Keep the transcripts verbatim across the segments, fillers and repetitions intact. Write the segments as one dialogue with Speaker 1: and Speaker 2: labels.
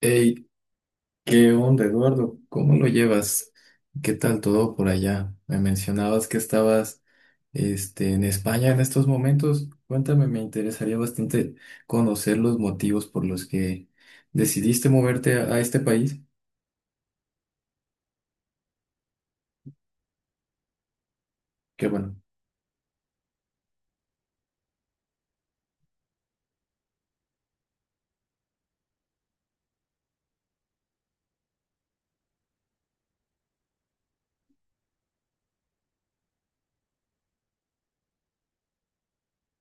Speaker 1: Hey, ¿qué onda, Eduardo? ¿Cómo lo llevas? ¿Qué tal todo por allá? Me mencionabas que estabas, este, en España en estos momentos. Cuéntame, me interesaría bastante conocer los motivos por los que decidiste moverte a, a este país, que bueno,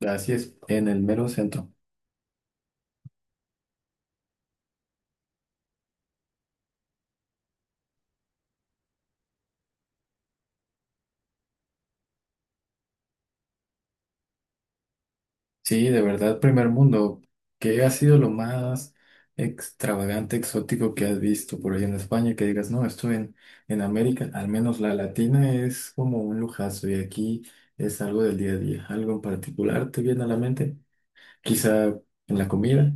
Speaker 1: así es, en el mero centro. Sí, de verdad, primer mundo. ¿Qué ha sido lo más extravagante, exótico que has visto por ahí en España? Que digas, no, esto en, en América, al menos la latina, es como un lujazo y aquí es algo del día a día. ¿Algo en particular te viene a la mente? Quizá en la comida.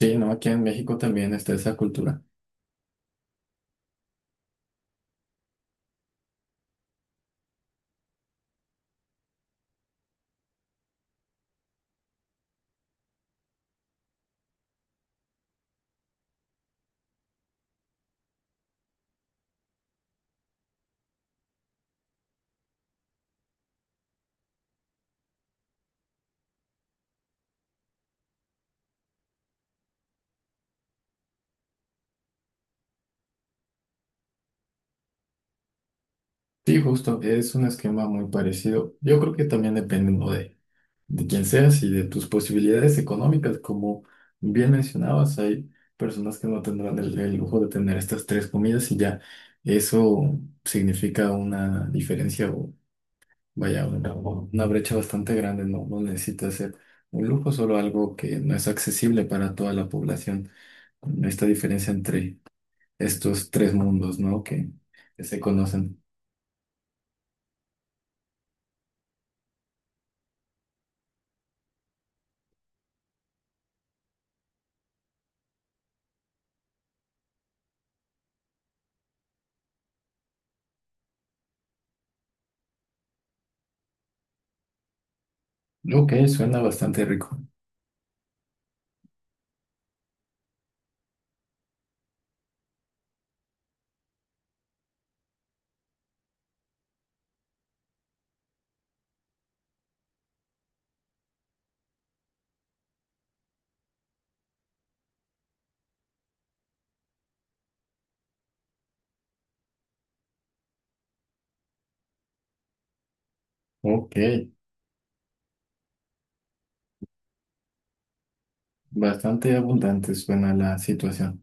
Speaker 1: Sí, no, aquí en México también está esa cultura. Sí, justo, es un esquema muy parecido. Yo creo que también depende, ¿no?, de quien seas y de tus posibilidades económicas. Como bien mencionabas, hay personas que no tendrán el, el lujo de tener estas tres comidas y ya eso significa una diferencia o vaya, una, una brecha bastante grande. No, no necesita ser un lujo, solo algo que no es accesible para toda la población. Esta diferencia entre estos tres mundos, ¿no?, que se conocen. Ok, suena bastante rico. Ok, bastante abundante suena la situación.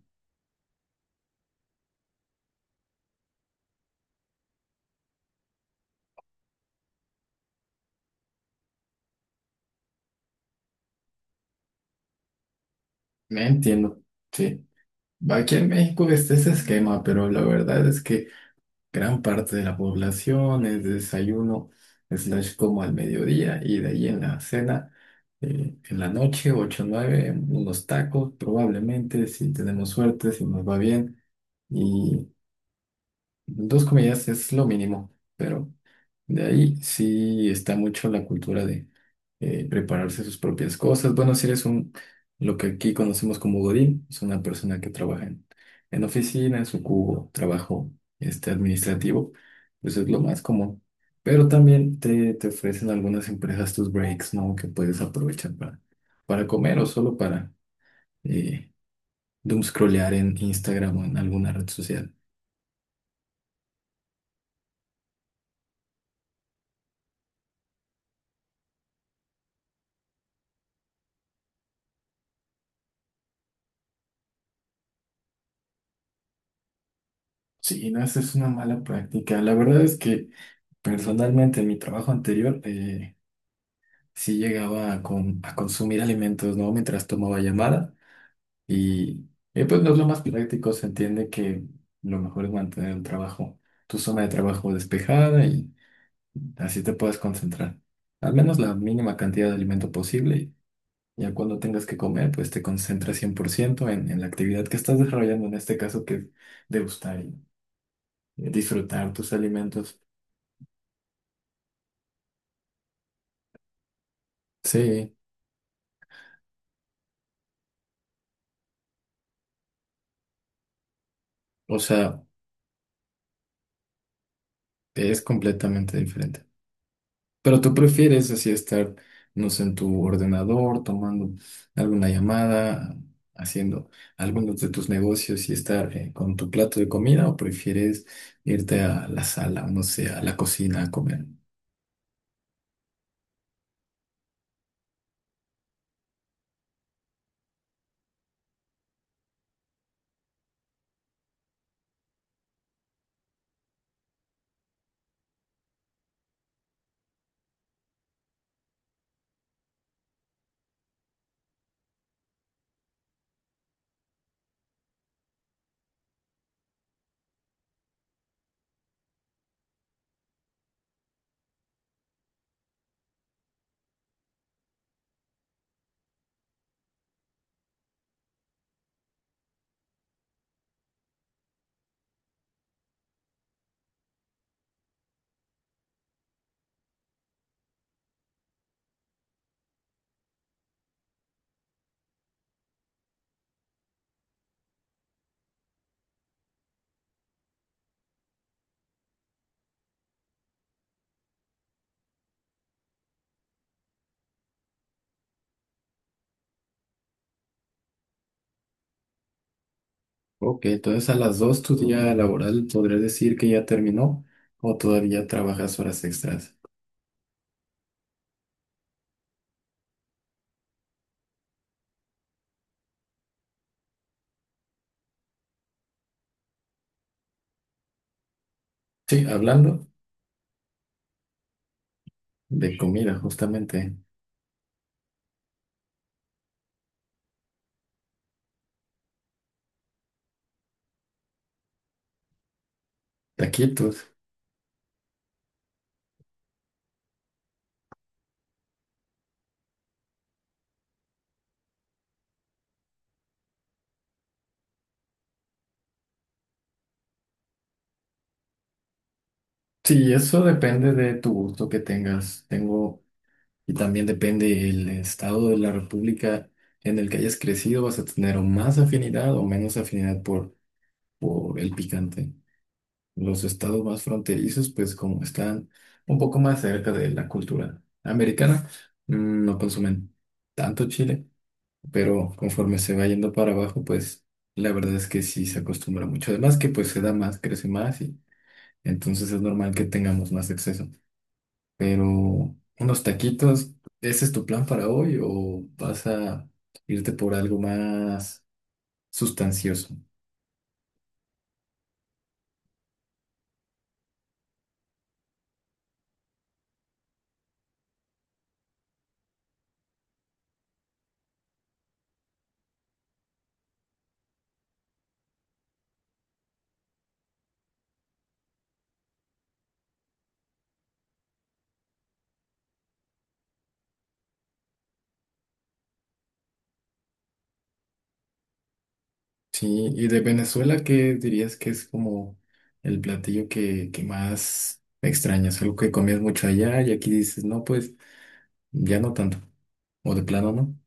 Speaker 1: Me entiendo, sí. Aquí en México está ese esquema, pero la verdad es que gran parte de la población es desayuno, slash como al mediodía y de ahí en la cena, eh, en la noche, ocho o nueve, unos tacos probablemente, si tenemos suerte, si nos va bien. Y dos comidas es lo mínimo, pero de ahí sí está mucho la cultura de eh, prepararse sus propias cosas. Bueno, si eres un, lo que aquí conocemos como Godín, es una persona que trabaja en, en oficinas o cubo, trabajo este, administrativo, pues es lo más común. Pero también te, te ofrecen algunas empresas tus breaks, ¿no?, que puedes aprovechar para, para comer o solo para eh, doomscrollear en Instagram o en alguna red social. Sí, no, esa es una mala práctica. La verdad es que personalmente, en mi trabajo anterior, eh, sí llegaba a, con- a consumir alimentos, ¿no?, mientras tomaba llamada y, eh, pues no es lo más práctico. Se entiende que lo mejor es mantener un trabajo, tu zona de trabajo despejada y así te puedes concentrar. Al menos la mínima cantidad de alimento posible y ya cuando tengas que comer, pues te concentras cien por ciento en, en la actividad que estás desarrollando, en este caso que es degustar y eh, disfrutar tus alimentos. Sí, o sea, es completamente diferente. Pero tú prefieres así estar, no sé, en tu ordenador, tomando alguna llamada, haciendo algunos de tus negocios y estar eh, con tu plato de comida, o prefieres irte a la sala, no sé, a la cocina a comer. Ok, entonces a las dos tu día laboral podrías decir que ya terminó o todavía trabajas horas extras. Sí, hablando de comida, justamente, taquitos. Sí, eso depende de tu gusto que tengas. Tengo y también depende el estado de la república en el que hayas crecido, vas a tener o más afinidad o menos afinidad por, por el picante. Los estados más fronterizos, pues como están un poco más cerca de la cultura americana, mm, no consumen tanto chile, pero conforme se va yendo para abajo, pues la verdad es que sí se acostumbra mucho. Además que pues se da más, crece más y entonces es normal que tengamos más exceso. Pero unos taquitos, ¿ese es tu plan para hoy o vas a irte por algo más sustancioso? Sí, y de Venezuela, ¿qué dirías que es como el platillo que, que más extrañas? Algo que comías mucho allá y aquí dices, no, pues ya no tanto, o de plano no.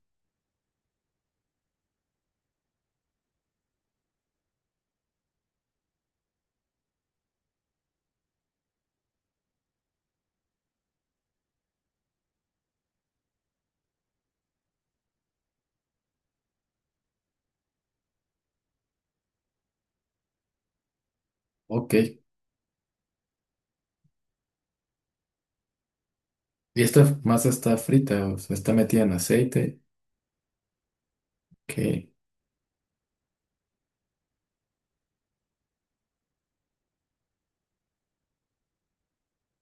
Speaker 1: Ok, y esta masa está frita, o sea, está metida en aceite, ok.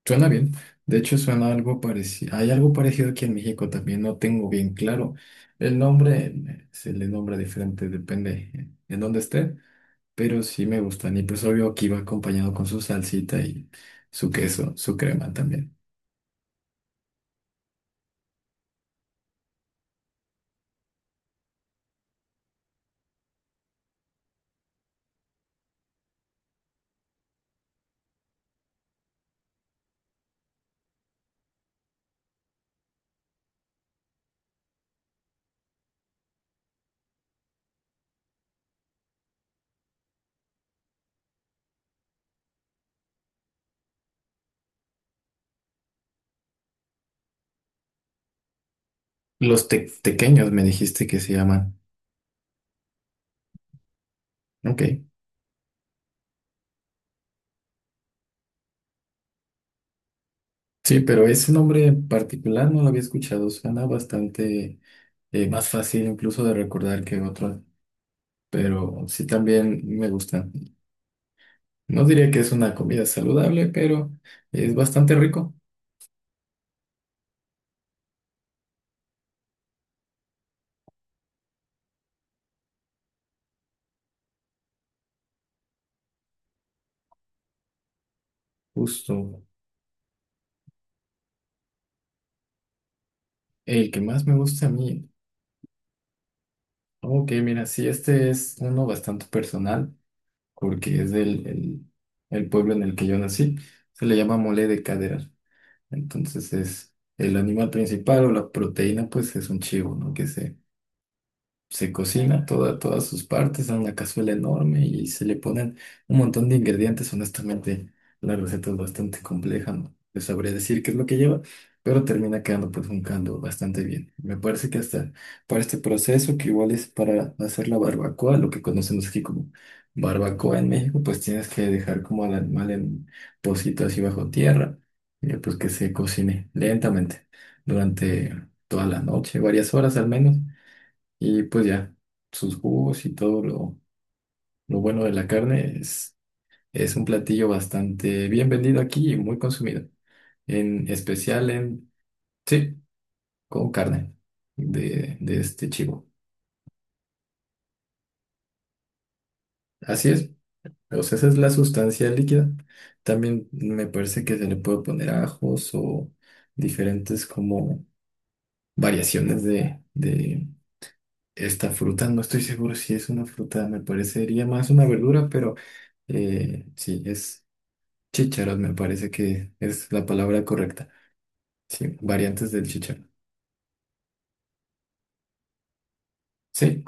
Speaker 1: Suena bien. De hecho, suena algo parecido. Hay algo parecido aquí en México también. No tengo bien claro el nombre. eh, Se le nombra diferente, depende eh, en dónde esté. Pero sí me gustan. Y pues obvio aquí va acompañado con su salsita y su queso, su crema también. Los te- tequeños me dijiste que se llaman. Ok. Sí, pero ese nombre en particular no lo había escuchado. Suena bastante eh, más fácil incluso de recordar que otros. Pero sí también me gustan. No diría que es una comida saludable, pero es bastante rico. Justo el que más me gusta a mí. Ok, mira, sí, este es uno bastante personal, porque es del el, el pueblo en el que yo nací. Se le llama mole de cadera. Entonces es el animal principal o la proteína, pues es un chivo, ¿no?, que se se cocina toda, todas sus partes en una cazuela enorme y se le ponen un montón de ingredientes. Honestamente, la receta es bastante compleja, no te sabría decir qué es lo que lleva, pero termina quedando pues un caldo bastante bien. Me parece que hasta para este proceso, que igual es para hacer la barbacoa, lo que conocemos aquí como barbacoa en México, pues tienes que dejar como al animal en pocito así bajo tierra, y pues que se cocine lentamente durante toda la noche, varias horas al menos y pues ya, sus jugos y todo lo, lo bueno de la carne es, es un platillo bastante bien vendido aquí y muy consumido. En especial en, sí, con carne de, de este chivo. Así es, o sea, esa es la sustancia líquida. También me parece que se le puede poner ajos o diferentes como variaciones de, de esta fruta. No estoy seguro si es una fruta, me parecería más una verdura, pero eh, sí, es. Chícharos, me parece que es la palabra correcta. Sí, variantes del chícharo. Sí,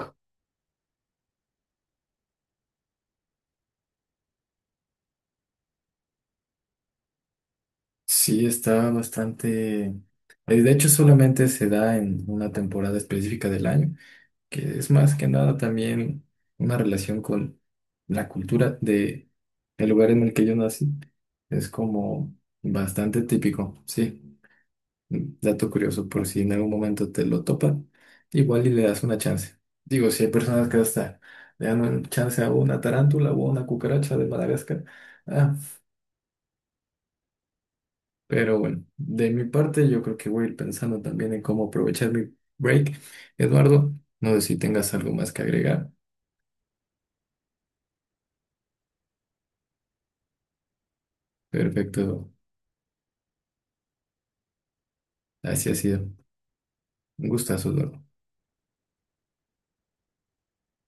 Speaker 1: sí está bastante. eh, De hecho, solamente se da en una temporada específica del año, que es más que nada también una relación con la cultura de el lugar en el que yo nací. Es como bastante típico, sí. Mm, dato curioso, por si en algún momento te lo topan, igual y le das una chance. Digo, si hay personas que hasta le dan una chance a una tarántula o a una cucaracha de Madagascar. Ah, pero bueno, de mi parte yo creo que voy a ir pensando también en cómo aprovechar mi break. Eduardo, no sé si tengas algo más que agregar. Perfecto, así ha sido. Un gustazo, Eduardo.